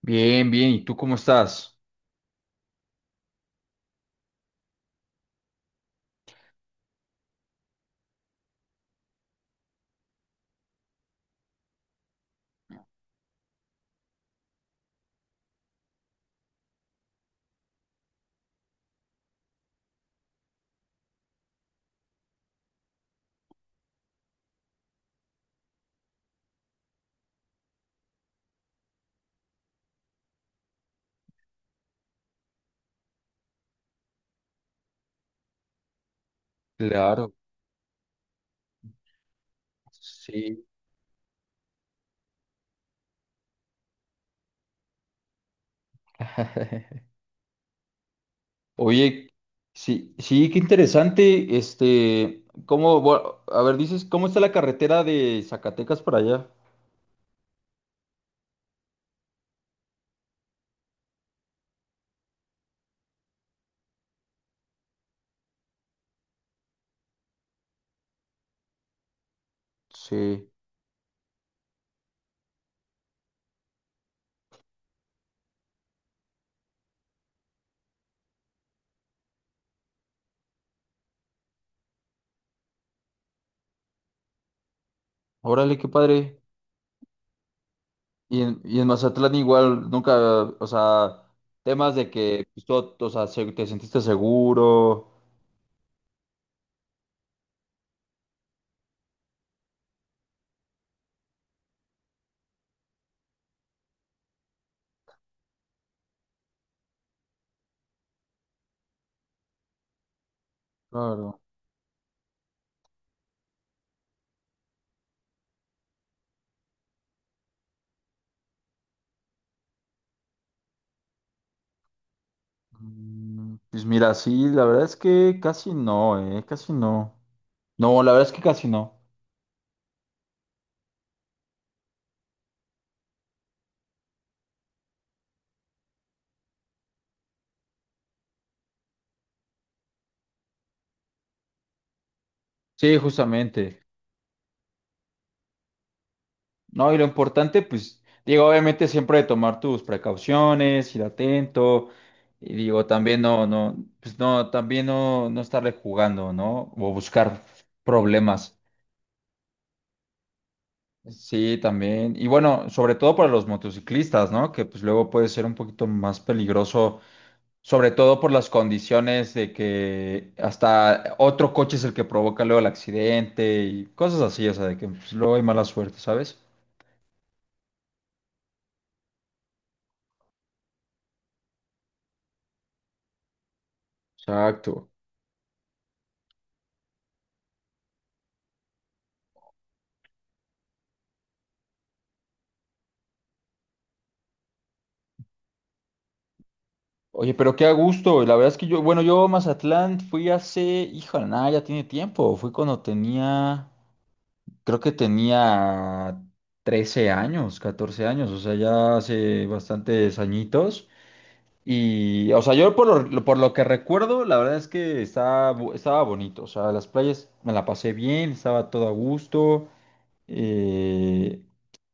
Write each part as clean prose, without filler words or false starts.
Bien, bien. ¿Y tú cómo estás? Claro, sí. Oye, sí, sí, qué interesante. Este, a ver, dices, ¿cómo está la carretera de Zacatecas para allá? Sí. Órale, qué padre. Y en Mazatlán igual, nunca, o sea, temas de que, pues, todo- o sea, se- te sentiste seguro. Claro. Pues mira, sí, la verdad es que casi no, casi no. No, la verdad es que casi no. Sí, justamente. No, y lo importante, pues, digo, obviamente siempre de tomar tus precauciones, ir atento, y digo, también pues no, también no estarle jugando, ¿no? O buscar problemas. Sí, también. Y bueno, sobre todo para los motociclistas, ¿no? Que pues luego puede ser un poquito más peligroso, sobre todo por las condiciones de que hasta otro coche es el que provoca luego el accidente y cosas así, o sea, de que pues, luego hay mala suerte, ¿sabes? Exacto. Oye, pero qué a gusto. La verdad es que yo, bueno, yo a Mazatlán fui hace, híjole, nada, ya tiene tiempo. Fui cuando tenía, creo que tenía 13 años, 14 años, o sea, ya hace bastantes añitos. Y, o sea, yo por lo que recuerdo, la verdad es que estaba, estaba bonito. O sea, las playas me la pasé bien, estaba todo a gusto, eh,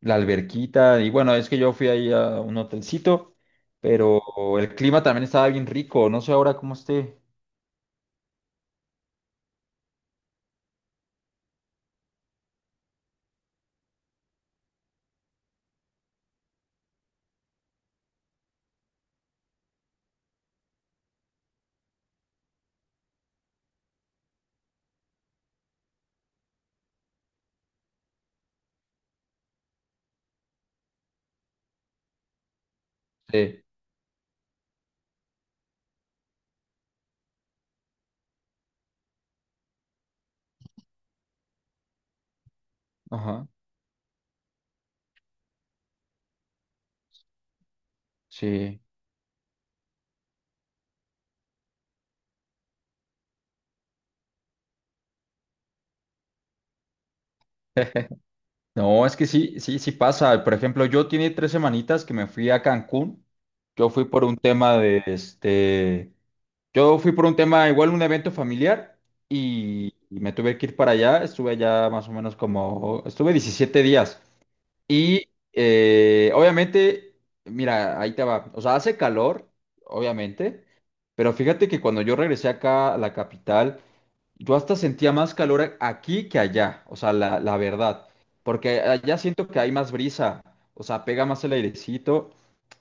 la alberquita. Y bueno, es que yo fui ahí a un hotelcito, pero el clima también estaba bien rico, no sé ahora cómo esté. Sí, ajá, sí. No, es que sí, sí, sí pasa. Por ejemplo, yo tiene tres semanitas que me fui a Cancún. Yo fui por un tema de este, yo fui por un tema, igual un evento familiar y me tuve que ir para allá. Estuve allá más o menos como, estuve 17 días. Y obviamente, mira, ahí te va. O sea, hace calor, obviamente, pero fíjate que cuando yo regresé acá a la capital, yo hasta sentía más calor aquí que allá, o sea, la verdad, porque allá siento que hay más brisa, o sea, pega más el airecito,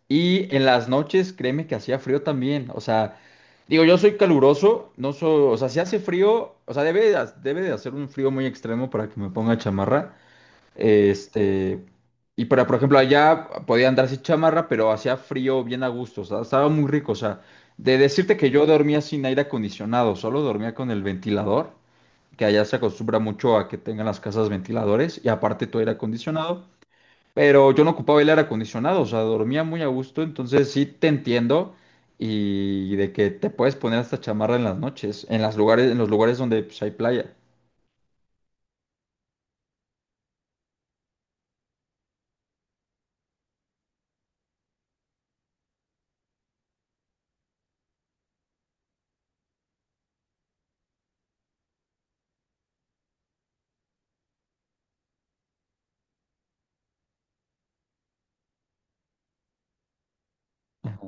y en las noches, créeme que hacía frío también. O sea, digo, yo soy caluroso, no soy, o sea, si hace frío, o sea, debe de hacer un frío muy extremo para que me ponga chamarra. Este, y para, por ejemplo, allá podía andar sin chamarra, pero hacía frío bien a gusto, o sea, estaba muy rico, o sea, de decirte que yo dormía sin aire acondicionado, solo dormía con el ventilador, que allá se acostumbra mucho a que tengan las casas ventiladores y aparte todo aire acondicionado, pero yo no ocupaba el aire acondicionado, o sea, dormía muy a gusto, entonces sí te entiendo, y de que te puedes poner hasta chamarra en las noches, en los lugares donde pues, hay playa. Ajá.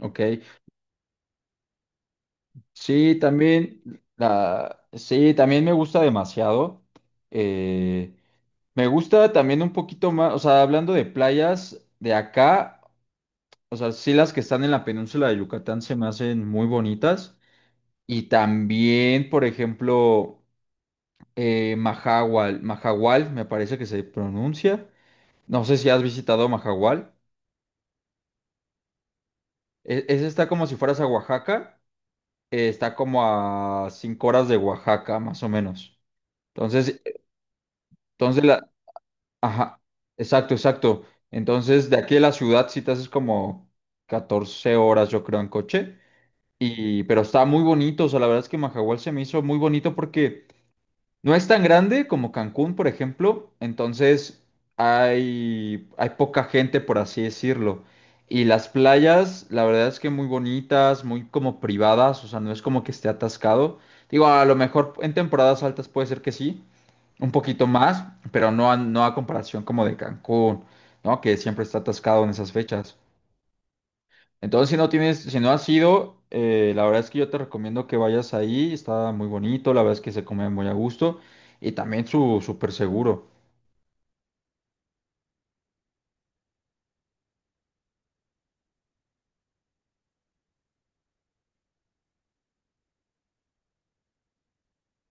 Ok. Sí, también sí, también me gusta demasiado. Eh, Me gusta también un poquito más, o sea, hablando de playas de acá, o sea, sí las que están en la península de Yucatán se me hacen muy bonitas. Y también, por ejemplo, Mahahual, Mahahual, me parece que se pronuncia. No sé si has visitado Mahahual. Ese está como si fueras a Oaxaca. Está como a 5 horas de Oaxaca, más o menos. Entonces, entonces la, Ajá, exacto, exacto. Entonces, de aquí a la ciudad sí te haces como 14 horas, yo creo, en coche. Y, pero está muy bonito, o sea, la verdad es que Majahual se me hizo muy bonito porque no es tan grande como Cancún, por ejemplo. Entonces hay poca gente, por así decirlo. Y las playas, la verdad es que muy bonitas, muy como privadas, o sea, no es como que esté atascado. Digo, a lo mejor en temporadas altas puede ser que sí, un poquito más, pero no a comparación como de Cancún, ¿no? Que siempre está atascado en esas fechas. Entonces, si no tienes, si no has ido, la verdad es que yo te recomiendo que vayas ahí. Está muy bonito, la verdad es que se come muy a gusto y también su súper seguro.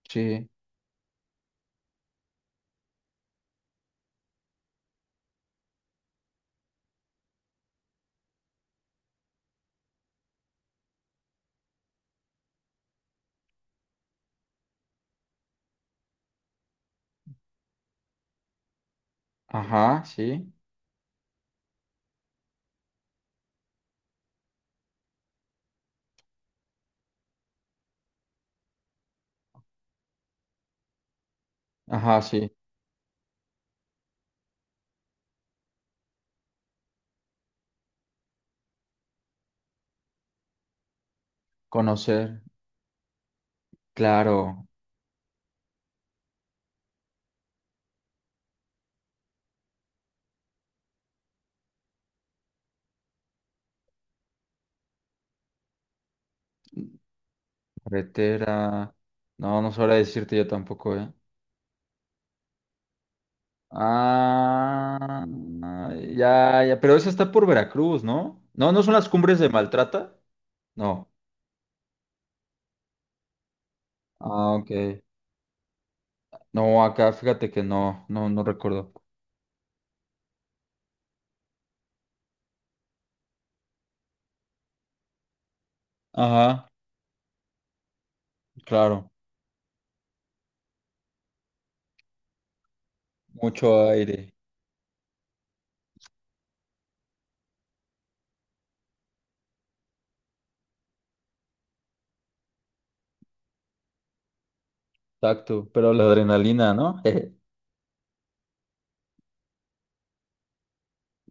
Sí, ajá, sí, ajá, sí. Conocer, claro, carretera. No, no sabré decirte yo tampoco, ¿eh? Ah, ya, ya, pero esa está por Veracruz, ¿no? No, ¿no son las cumbres de Maltrata? No. Ah, ok. No, acá fíjate que no recuerdo. Ajá. Claro, mucho aire, tacto, pero la adrenalina, ¿no?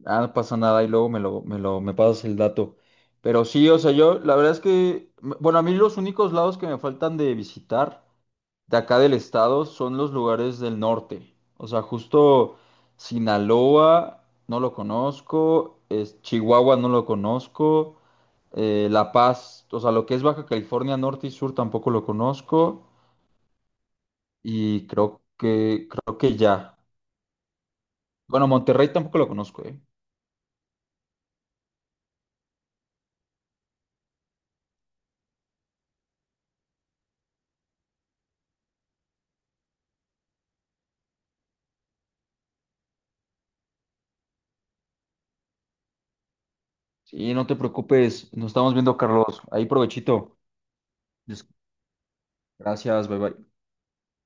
Ah, no pasa nada, y luego me lo, me pasas el dato. Pero sí, o sea, yo, la verdad es que, bueno, a mí los únicos lados que me faltan de visitar de acá del estado son los lugares del norte. O sea, justo Sinaloa, no lo conozco, es, Chihuahua, no lo conozco, La Paz, o sea, lo que es Baja California Norte y Sur tampoco lo conozco, y creo que ya. Bueno, Monterrey tampoco lo conozco, ¿eh? Sí, no te preocupes. Nos estamos viendo, Carlos. Ahí provechito. Des- Gracias, bye bye.